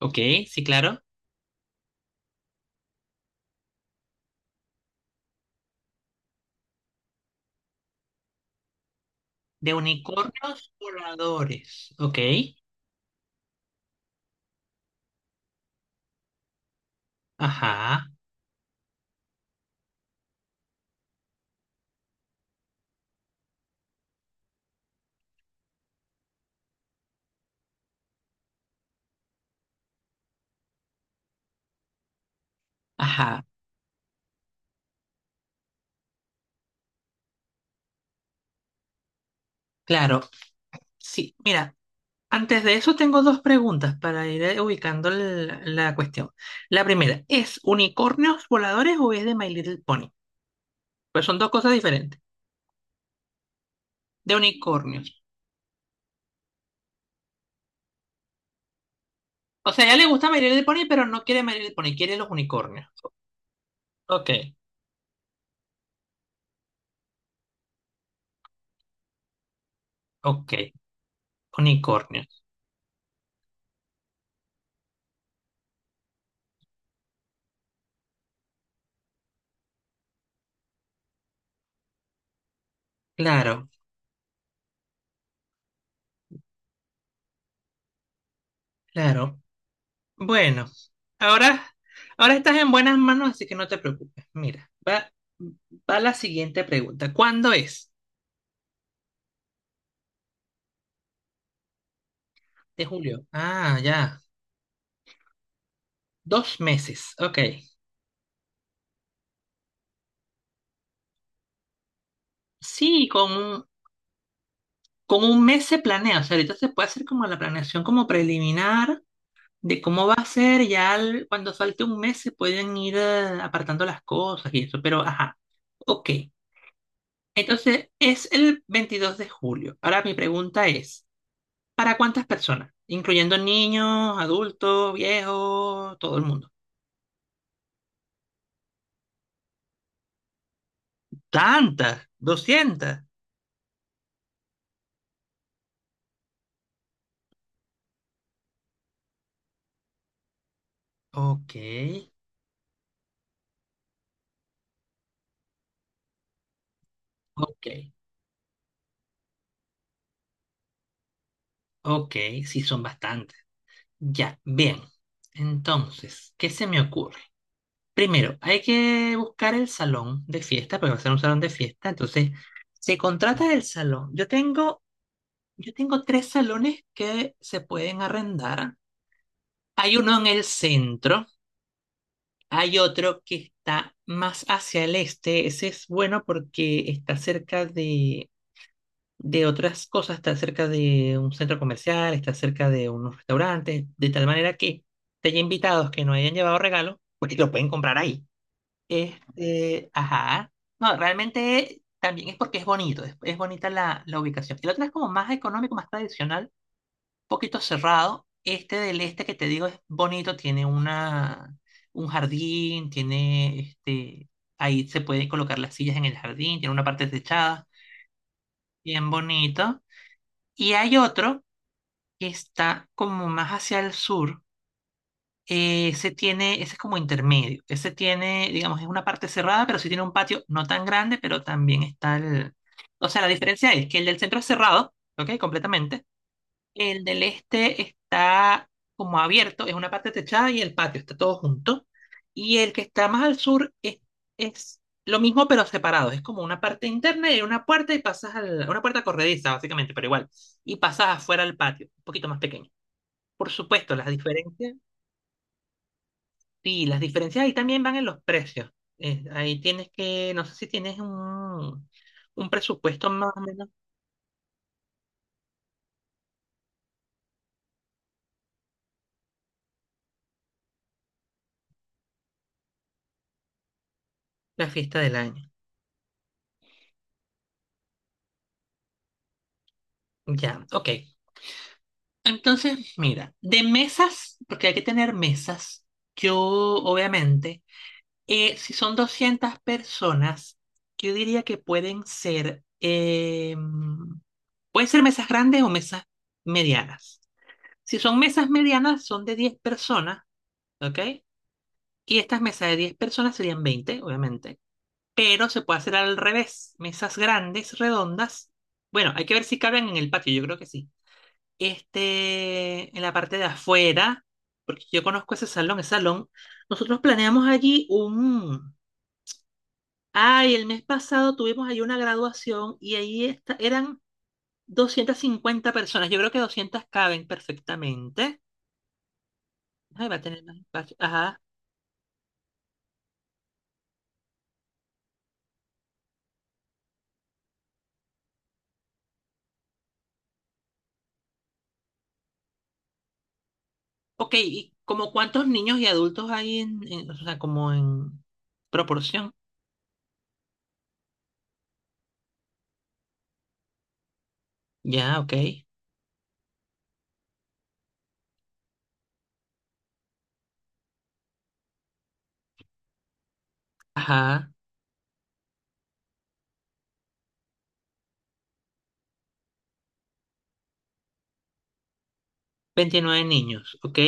Ok, sí, claro. De unicornios voladores. Ok. Ajá, ajá. Claro. Sí, mira, antes de eso tengo dos preguntas para ir ubicando la cuestión. La primera, ¿es unicornios voladores o es de My Little Pony? Pues son dos cosas diferentes. De unicornios. O sea, ya le gusta My Little Pony, pero no quiere My Little Pony, quiere los unicornios. Ok, ok. Unicornios. Claro, claro. Bueno, ahora, ahora estás en buenas manos, así que no te preocupes. Mira, va la siguiente pregunta. ¿Cuándo es? De julio. Ah, ya. Dos meses. Ok. Sí, con un mes se planea. O sea, ahorita se puede hacer como la planeación como preliminar de cómo va a ser. Ya cuando falte un mes se pueden ir apartando las cosas y eso. Pero, ajá. Ok. Entonces, es el 22 de julio. Ahora mi pregunta es... ¿Para cuántas personas? Incluyendo niños, adultos, viejos, todo el mundo. ¿Tantas? Doscientas. Ok, ok, ok, sí son bastantes. Ya, bien. Entonces, ¿qué se me ocurre? Primero, hay que buscar el salón de fiesta, porque va a ser un salón de fiesta. Entonces, se contrata el salón. Yo tengo tres salones que se pueden arrendar. Hay uno en el centro. Hay otro que está más hacia el este. Ese es bueno porque está cerca de otras cosas, está cerca de un centro comercial, está cerca de unos restaurantes, de tal manera que te haya invitados que no hayan llevado regalos, pues lo pueden comprar ahí. Este, ajá. No, realmente también es porque es bonito, es bonita la ubicación. El otro es como más económico, más tradicional poquito cerrado. Este del este que te digo es bonito, tiene un jardín, tiene ahí se pueden colocar las sillas en el jardín, tiene una parte techada, bien bonito. Y hay otro que está como más hacia el sur. Ese es como intermedio. Ese tiene, digamos, es una parte cerrada, pero sí tiene un patio no tan grande, pero también está el. O sea, la diferencia es que el del centro es cerrado, ¿ok? Completamente. El del este está como abierto, es una parte techada y el patio está todo junto. Y el que está más al sur es lo mismo pero separado, es como una parte interna y una puerta y pasas a una puerta corrediza básicamente, pero igual, y pasas afuera al patio, un poquito más pequeño. Por supuesto, las diferencias, sí, las diferencias ahí también van en los precios. Ahí tienes que, no sé si tienes un presupuesto más o menos la fiesta del año. Ya, ok. Entonces, mira, de mesas, porque hay que tener mesas, yo obviamente, si son 200 personas, yo diría que pueden ser mesas grandes o mesas medianas. Si son mesas medianas, son de 10 personas, ¿ok? Y estas mesas de diez personas serían 20, obviamente, pero se puede hacer al revés, mesas grandes, redondas. Bueno, hay que ver si caben en el patio, yo creo que sí en la parte de afuera, porque yo conozco ese salón, nosotros planeamos allí un... Ay, el mes pasado tuvimos allí una graduación y ahí está, eran 250 personas. Yo creo que 200 caben perfectamente. Ay, va a tener más espacio. Ajá. Ok, ¿y como cuántos niños y adultos hay o sea, como en proporción? Ya, ok. Ajá. Veintinueve niños, ok.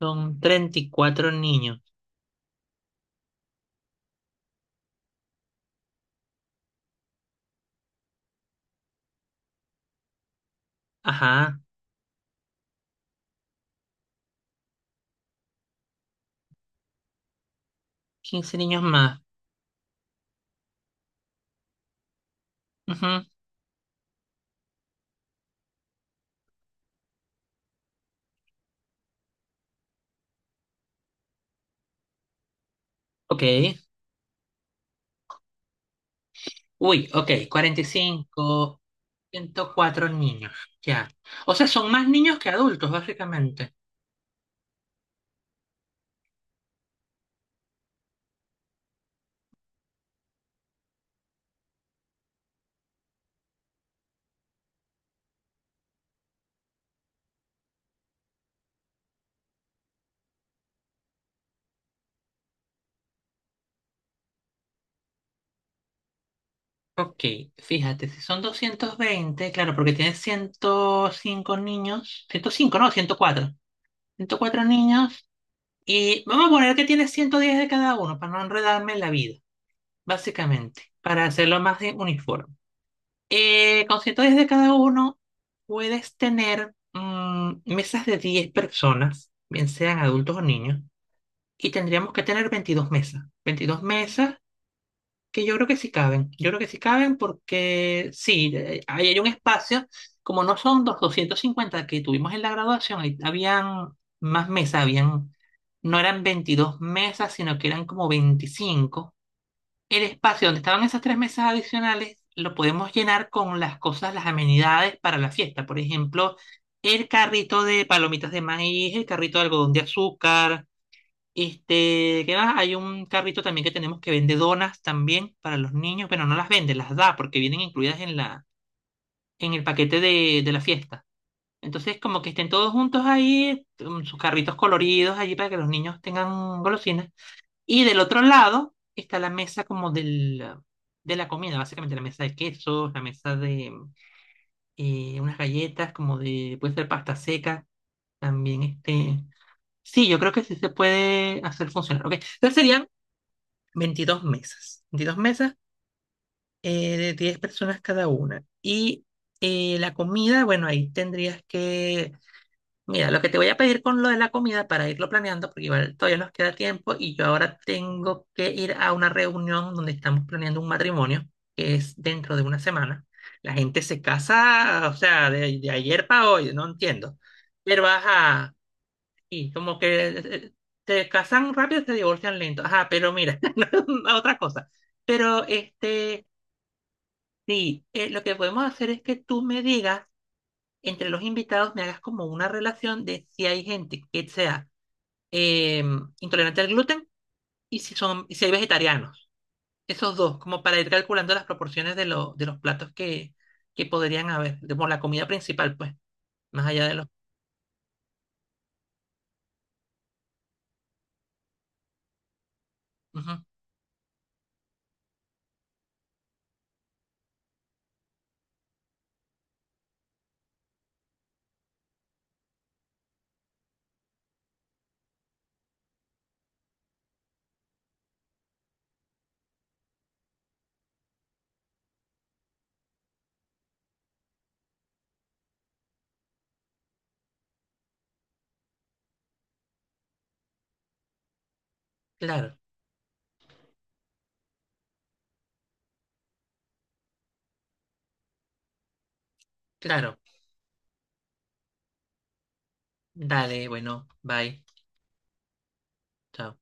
Son treinta y cuatro niños. Ajá. Quince niños más. Ujú. Ok. Uy, ok, cuarenta y cinco, ciento cuatro niños, ya. O sea, son más niños que adultos, básicamente. Ok, fíjate, si son 220 claro, porque tienes 105 niños, 105 no, ciento cuatro niños y vamos a poner que tienes 110 de cada uno para no enredarme en la vida, básicamente, para hacerlo más de uniforme. Con 110 cada uno puedes tener mesas de 10 personas, bien sean adultos o niños, y tendríamos que tener 22 mesas que yo creo que sí caben. Yo creo que sí caben porque sí, ahí hay un espacio, como no son los 250 que tuvimos en la graduación, ahí habían más mesas, habían, no eran 22 mesas, sino que eran como 25 el espacio donde estaban esas tres mesas adicionales lo podemos llenar con las cosas, las amenidades para la fiesta. Por ejemplo, el carrito de palomitas de maíz, el carrito de algodón de azúcar. ¿Qué más? Hay un carrito también que tenemos que vende donas también para los niños. Bueno, no las vende, las da porque vienen incluidas en la, en el paquete de la fiesta. Entonces, como que estén todos juntos ahí, sus carritos coloridos allí para que los niños tengan golosinas. Y del otro lado está la mesa como del, de la comida, básicamente la mesa de quesos, la mesa de unas galletas, como de, puede ser pasta seca, también este... Sí, yo creo que sí se puede hacer funcionar. Ok, entonces serían 22 mesas de 10 personas cada una. Y la comida, bueno, ahí tendrías que Mira, lo que te voy a pedir con lo de la comida para irlo planeando, porque igual todavía nos queda tiempo y yo ahora tengo que ir a una reunión donde estamos planeando un matrimonio, que es dentro de una semana. La gente se casa, o sea, de ayer para hoy, no entiendo. Pero ajá, y como que te casan rápido, y te divorcian lento. Ajá, pero mira, no, otra cosa. Pero sí, lo que podemos hacer es que tú me digas, entre los invitados, me hagas como una relación de si hay gente que sea eh, intolerante al gluten y y si hay vegetarianos. Esos dos, como para ir calculando las proporciones de los platos que podrían haber, como la comida principal, pues, más allá de los. Ujú. Claro, claro. Dale, bueno, bye. Chao.